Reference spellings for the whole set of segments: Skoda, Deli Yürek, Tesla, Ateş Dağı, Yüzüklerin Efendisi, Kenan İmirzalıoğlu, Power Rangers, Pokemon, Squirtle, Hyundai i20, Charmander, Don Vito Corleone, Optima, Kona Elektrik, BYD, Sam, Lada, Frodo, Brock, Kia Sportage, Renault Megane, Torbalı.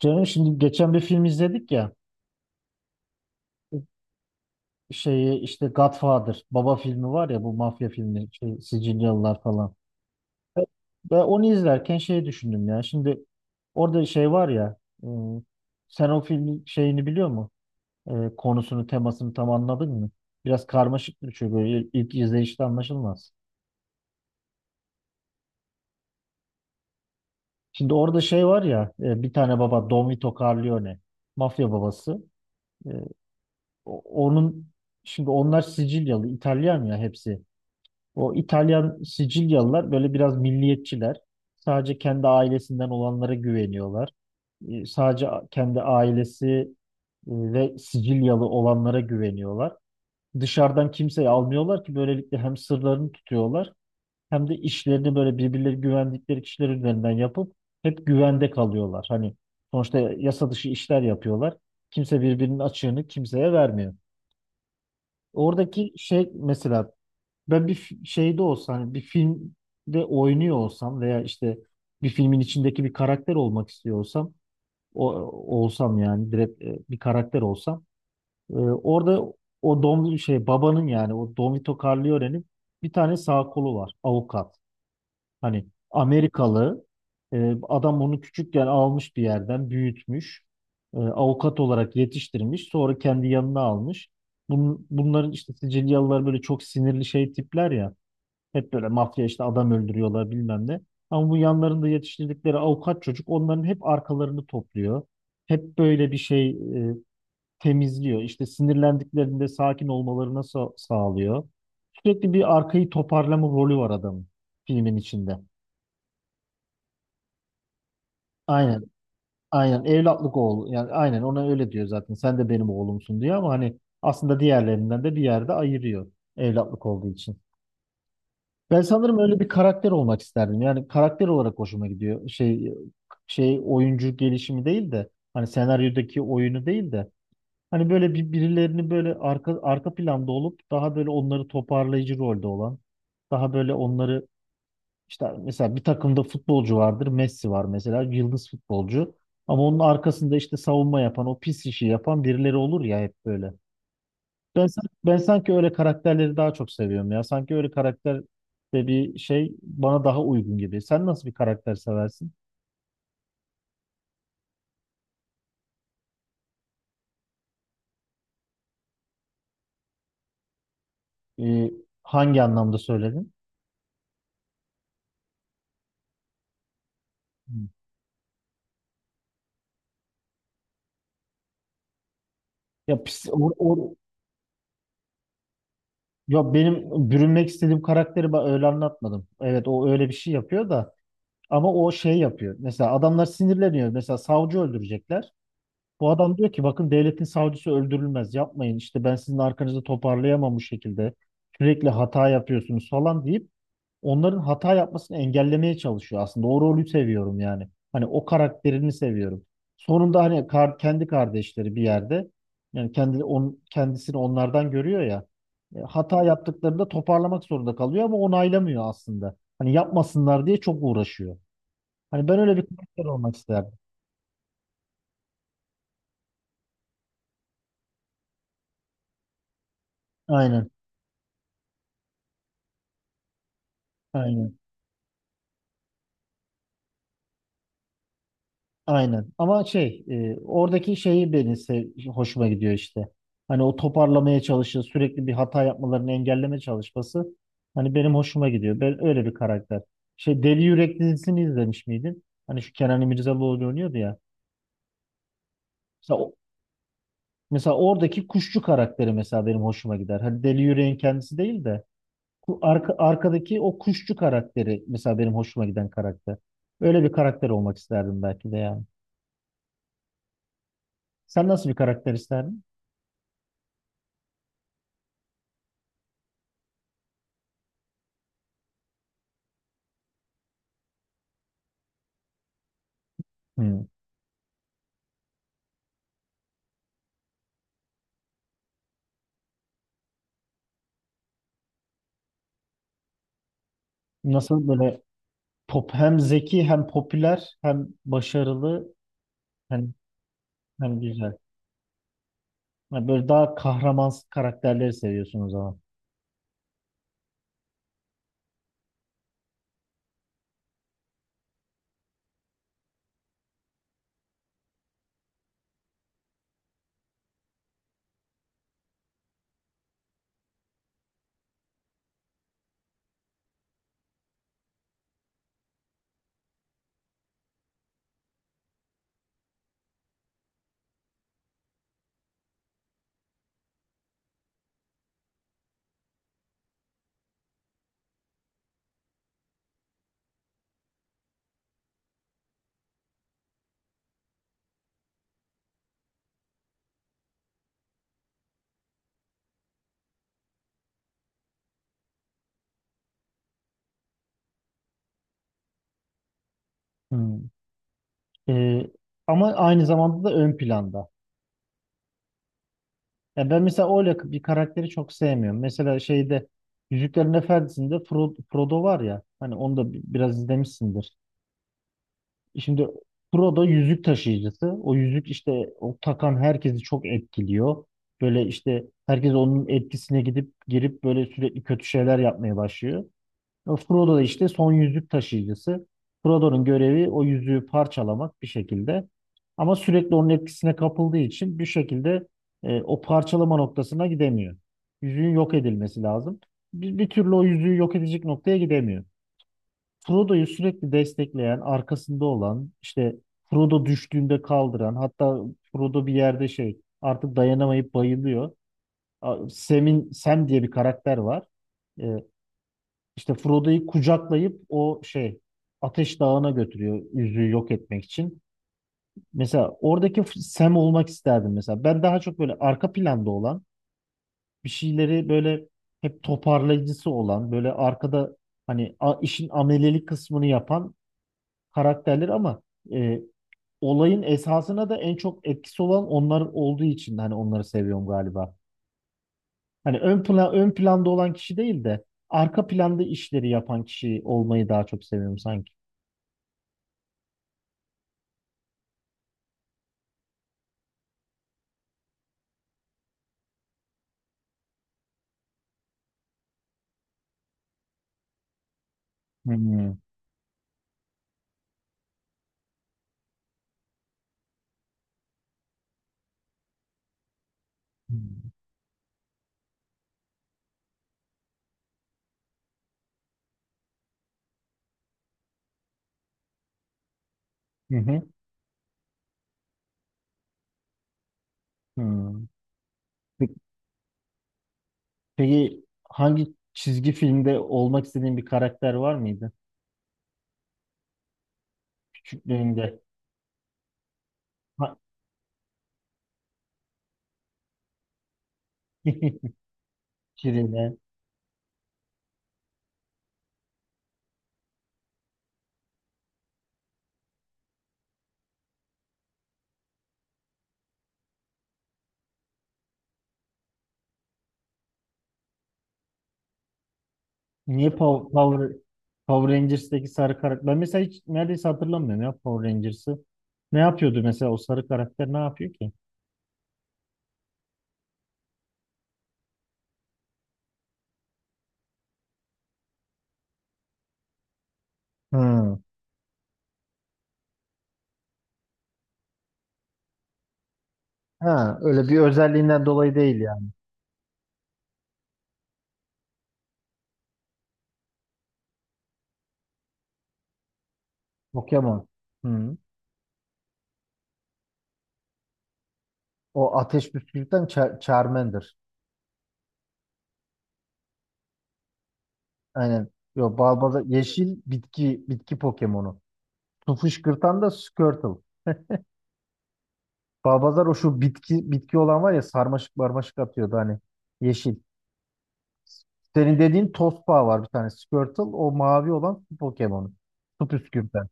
Canım şimdi geçen bir film izledik ya şeyi işte Godfather baba filmi var ya bu mafya filmi şey, Sicilyalılar falan. Ve ve onu izlerken şey düşündüm ya şimdi orada şey var ya e, sen o filmin şeyini biliyor mu? E, konusunu temasını tam anladın mı? Biraz karmaşık bir şey böyle ilk izleyişte anlaşılmaz. Şimdi orada şey var ya bir tane baba Don Vito Corleone mafya babası. E, onun şimdi onlar Sicilyalı İtalyan ya hepsi. O İtalyan Sicilyalılar böyle biraz milliyetçiler. Sadece kendi ailesinden olanlara güveniyorlar. Sadece kendi ailesi ve Sicilyalı olanlara güveniyorlar. Dışarıdan kimseyi almıyorlar ki böylelikle hem sırlarını tutuyorlar hem de işlerini böyle birbirleri güvendikleri kişiler üzerinden yapıp hep güvende kalıyorlar. Hani sonuçta yasa dışı işler yapıyorlar. Kimse birbirinin açığını kimseye vermiyor. Oradaki şey mesela ben şeyde olsa hani bir filmde oynuyor olsam veya işte bir filmin içindeki bir karakter olmak istiyorsam, o olsam yani direkt bir karakter olsam, orada o Don şey babanın yani o Don Vito Corleone'nin bir tane sağ kolu var, avukat. Hani Amerikalı adam onu küçükken almış bir yerden büyütmüş. Avukat olarak yetiştirmiş. Sonra kendi yanına almış. Bunların işte Sicilyalılar böyle çok sinirli şey tipler ya. Hep böyle mafya işte adam öldürüyorlar bilmem ne. Ama bu yanlarında yetiştirdikleri avukat çocuk onların hep arkalarını topluyor. Hep böyle bir şey temizliyor. İşte sinirlendiklerinde sakin olmalarına sağlıyor. Sürekli bir arkayı toparlama rolü var adamın filmin içinde. Aynen, aynen evlatlık oğlu. Yani aynen ona öyle diyor zaten. Sen de benim oğlumsun diyor ama hani aslında diğerlerinden de bir yerde ayırıyor evlatlık olduğu için. Ben sanırım öyle bir karakter olmak isterdim. Yani karakter olarak hoşuma gidiyor. Şey oyuncu gelişimi değil de hani senaryodaki oyunu değil de hani böyle birilerini böyle arka planda olup daha böyle onları toparlayıcı rolde olan daha böyle onları işte mesela bir takımda futbolcu vardır. Messi var mesela yıldız futbolcu. Ama onun arkasında işte savunma yapan, o pis işi yapan birileri olur ya hep böyle. Ben sanki öyle karakterleri daha çok seviyorum ya. Sanki öyle karakter de bir şey bana daha uygun gibi. Sen nasıl bir karakter seversin? Ee, hangi anlamda söyledin? Hmm. Ya, pis- o, o- ya benim bürünmek istediğim karakteri ben öyle anlatmadım. Evet o öyle bir şey yapıyor da ama o şey yapıyor. Mesela adamlar sinirleniyor. Mesela savcı öldürecekler. Bu adam diyor ki bakın devletin savcısı öldürülmez. Yapmayın işte ben sizin arkanızı toparlayamam bu şekilde. Sürekli hata yapıyorsunuz falan deyip onların hata yapmasını engellemeye çalışıyor aslında. O rolü seviyorum yani. Hani o karakterini seviyorum. Sonunda hani kendi kardeşleri bir yerde yani kendisini onlardan görüyor ya. Hata yaptıklarında toparlamak zorunda kalıyor ama onaylamıyor aslında. Hani yapmasınlar diye çok uğraşıyor. Hani ben öyle bir karakter olmak isterdim. Aynen. Aynen. Aynen. Ama oradaki şeyi hoşuma gidiyor işte. Hani o toparlamaya çalışır, sürekli bir hata yapmalarını engelleme çalışması. Hani benim hoşuma gidiyor. Ben öyle bir karakter. Şey Deli Yürek dizisini izlemiş miydin? Hani şu Kenan İmirzalıoğlu oynuyordu ya. Mesela, o- mesela oradaki kuşçu karakteri mesela benim hoşuma gider. Hani Deli Yürek'in kendisi değil de arkadaki o kuşçu karakteri mesela benim hoşuma giden karakter. Öyle bir karakter olmak isterdim belki de yani. Sen nasıl bir karakter isterdin? Hmm. Nasıl böyle hem zeki hem popüler hem başarılı hem hem güzel. Yani böyle daha kahraman karakterleri seviyorsun o zaman. Hmm. Ee, ama aynı zamanda da ön planda. Ya ben mesela öyle bir karakteri çok sevmiyorum. Mesela şeyde Yüzüklerin Efendisi'nde Frodo var ya. Hani onu da biraz izlemişsindir. Şimdi Pro'da yüzük taşıyıcısı. O yüzük işte o takan herkesi çok etkiliyor. Böyle işte herkes onun etkisine gidip girip böyle sürekli kötü şeyler yapmaya başlıyor. Ama Frodo da işte son yüzük taşıyıcısı. Frodo'nun görevi o yüzüğü parçalamak bir şekilde. Ama sürekli onun etkisine kapıldığı için bir şekilde o parçalama noktasına gidemiyor. Yüzüğün yok edilmesi lazım. Bir türlü o yüzüğü yok edecek noktaya gidemiyor. Frodo'yu sürekli destekleyen, arkasında olan, işte Frodo düştüğünde kaldıran, hatta Frodo bir yerde şey artık dayanamayıp bayılıyor. Sam diye bir karakter var. Ee, işte Frodo'yu kucaklayıp o şey Ateş Dağı'na götürüyor yüzüğü yok etmek için. Mesela oradaki Sam olmak isterdim mesela. Ben daha çok böyle arka planda olan, bir şeyleri böyle hep toparlayıcısı olan, böyle arkada hani işin amelelik kısmını yapan karakterleri ama e, olayın esasına da en çok etkisi olan onlar olduğu için hani onları seviyorum galiba. Hani ön planda olan kişi değil de arka planda işleri yapan kişi olmayı daha çok seviyorum sanki. Hmm. Hı hı. Hı. Pe- Peki hangi çizgi filmde olmak istediğin bir karakter var mıydı? Küçüklüğünde. Ha- Şirin. Niye Power Rangers'teki sarı karakter? Ben mesela hiç neredeyse hatırlamıyorum ya Power Rangers'ı. Ne yapıyordu mesela o sarı karakter ne yapıyor ki? Hmm. Ha, öyle bir özelliğinden dolayı değil yani. Pokemon. Hmm. O ateş püskürten Charmander. Aynen. Yo, Balbazar yeşil bitki Pokemon'u. Su fışkırtan da Squirtle. Balbazar o şu bitki olan var ya sarmaşık marmaşık atıyordu hani yeşil. Senin dediğin Tospa var bir tane. Squirtle o mavi olan su Pokemon'u. Su püskürten.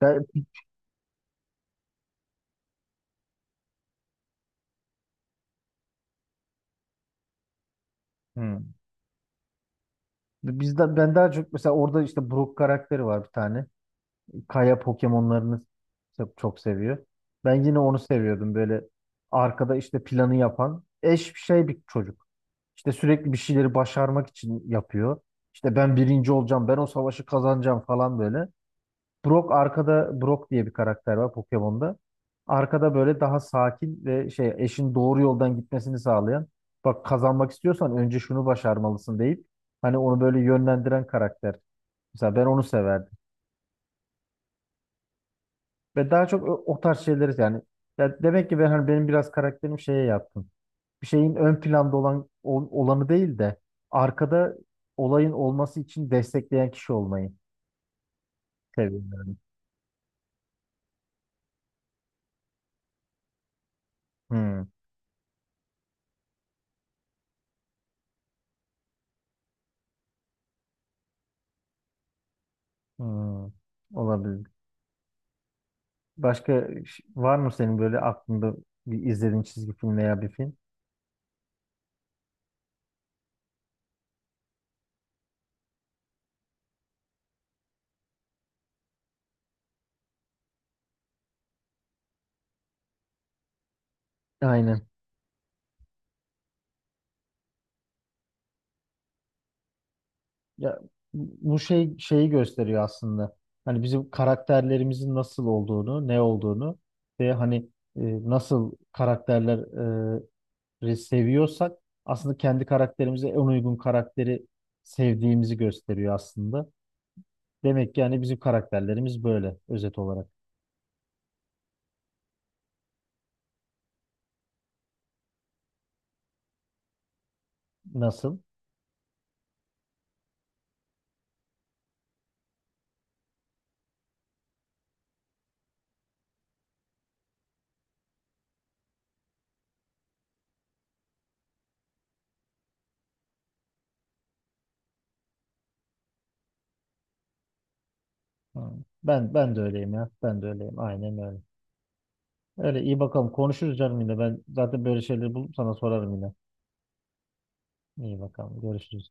Ben, hmm. Ben daha çok mesela orada işte Brook karakteri var bir tane. Kaya Pokemon'larını çok, çok seviyor. Ben yine onu seviyordum böyle arkada işte planı yapan eş bir şey bir çocuk. İşte sürekli bir şeyleri başarmak için yapıyor. İşte ben birinci olacağım, ben o savaşı kazanacağım falan böyle. Brock diye bir karakter var Pokemon'da. Arkada böyle daha sakin ve şey eşin doğru yoldan gitmesini sağlayan. Bak kazanmak istiyorsan önce şunu başarmalısın deyip hani onu böyle yönlendiren karakter. Mesela ben onu severdim. Ve daha çok o tarz şeyleri yani ya demek ki ben hani benim biraz karakterim şeye yatkın. Bir şeyin ön planda olan olanı değil de arkada olayın olması için destekleyen kişi olmayı seviyorum. Hmm. Hmm. Olabilir. Başka var mı senin böyle aklında bir izlediğin çizgi film veya bir film? Aynen. Ya bu şeyi gösteriyor aslında. Hani bizim karakterlerimizin nasıl olduğunu, ne olduğunu ve hani e, nasıl karakterleri seviyorsak aslında kendi karakterimize en uygun karakteri sevdiğimizi gösteriyor aslında. Demek ki yani bizim karakterlerimiz böyle özet olarak. Nasıl? Ha, Ben de öyleyim ya. Ben de öyleyim. Aynen öyle. Öyle iyi bakalım. Konuşuruz canım yine. Ben zaten böyle şeyleri bulup sana sorarım yine. İyi bakalım. Görüşürüz.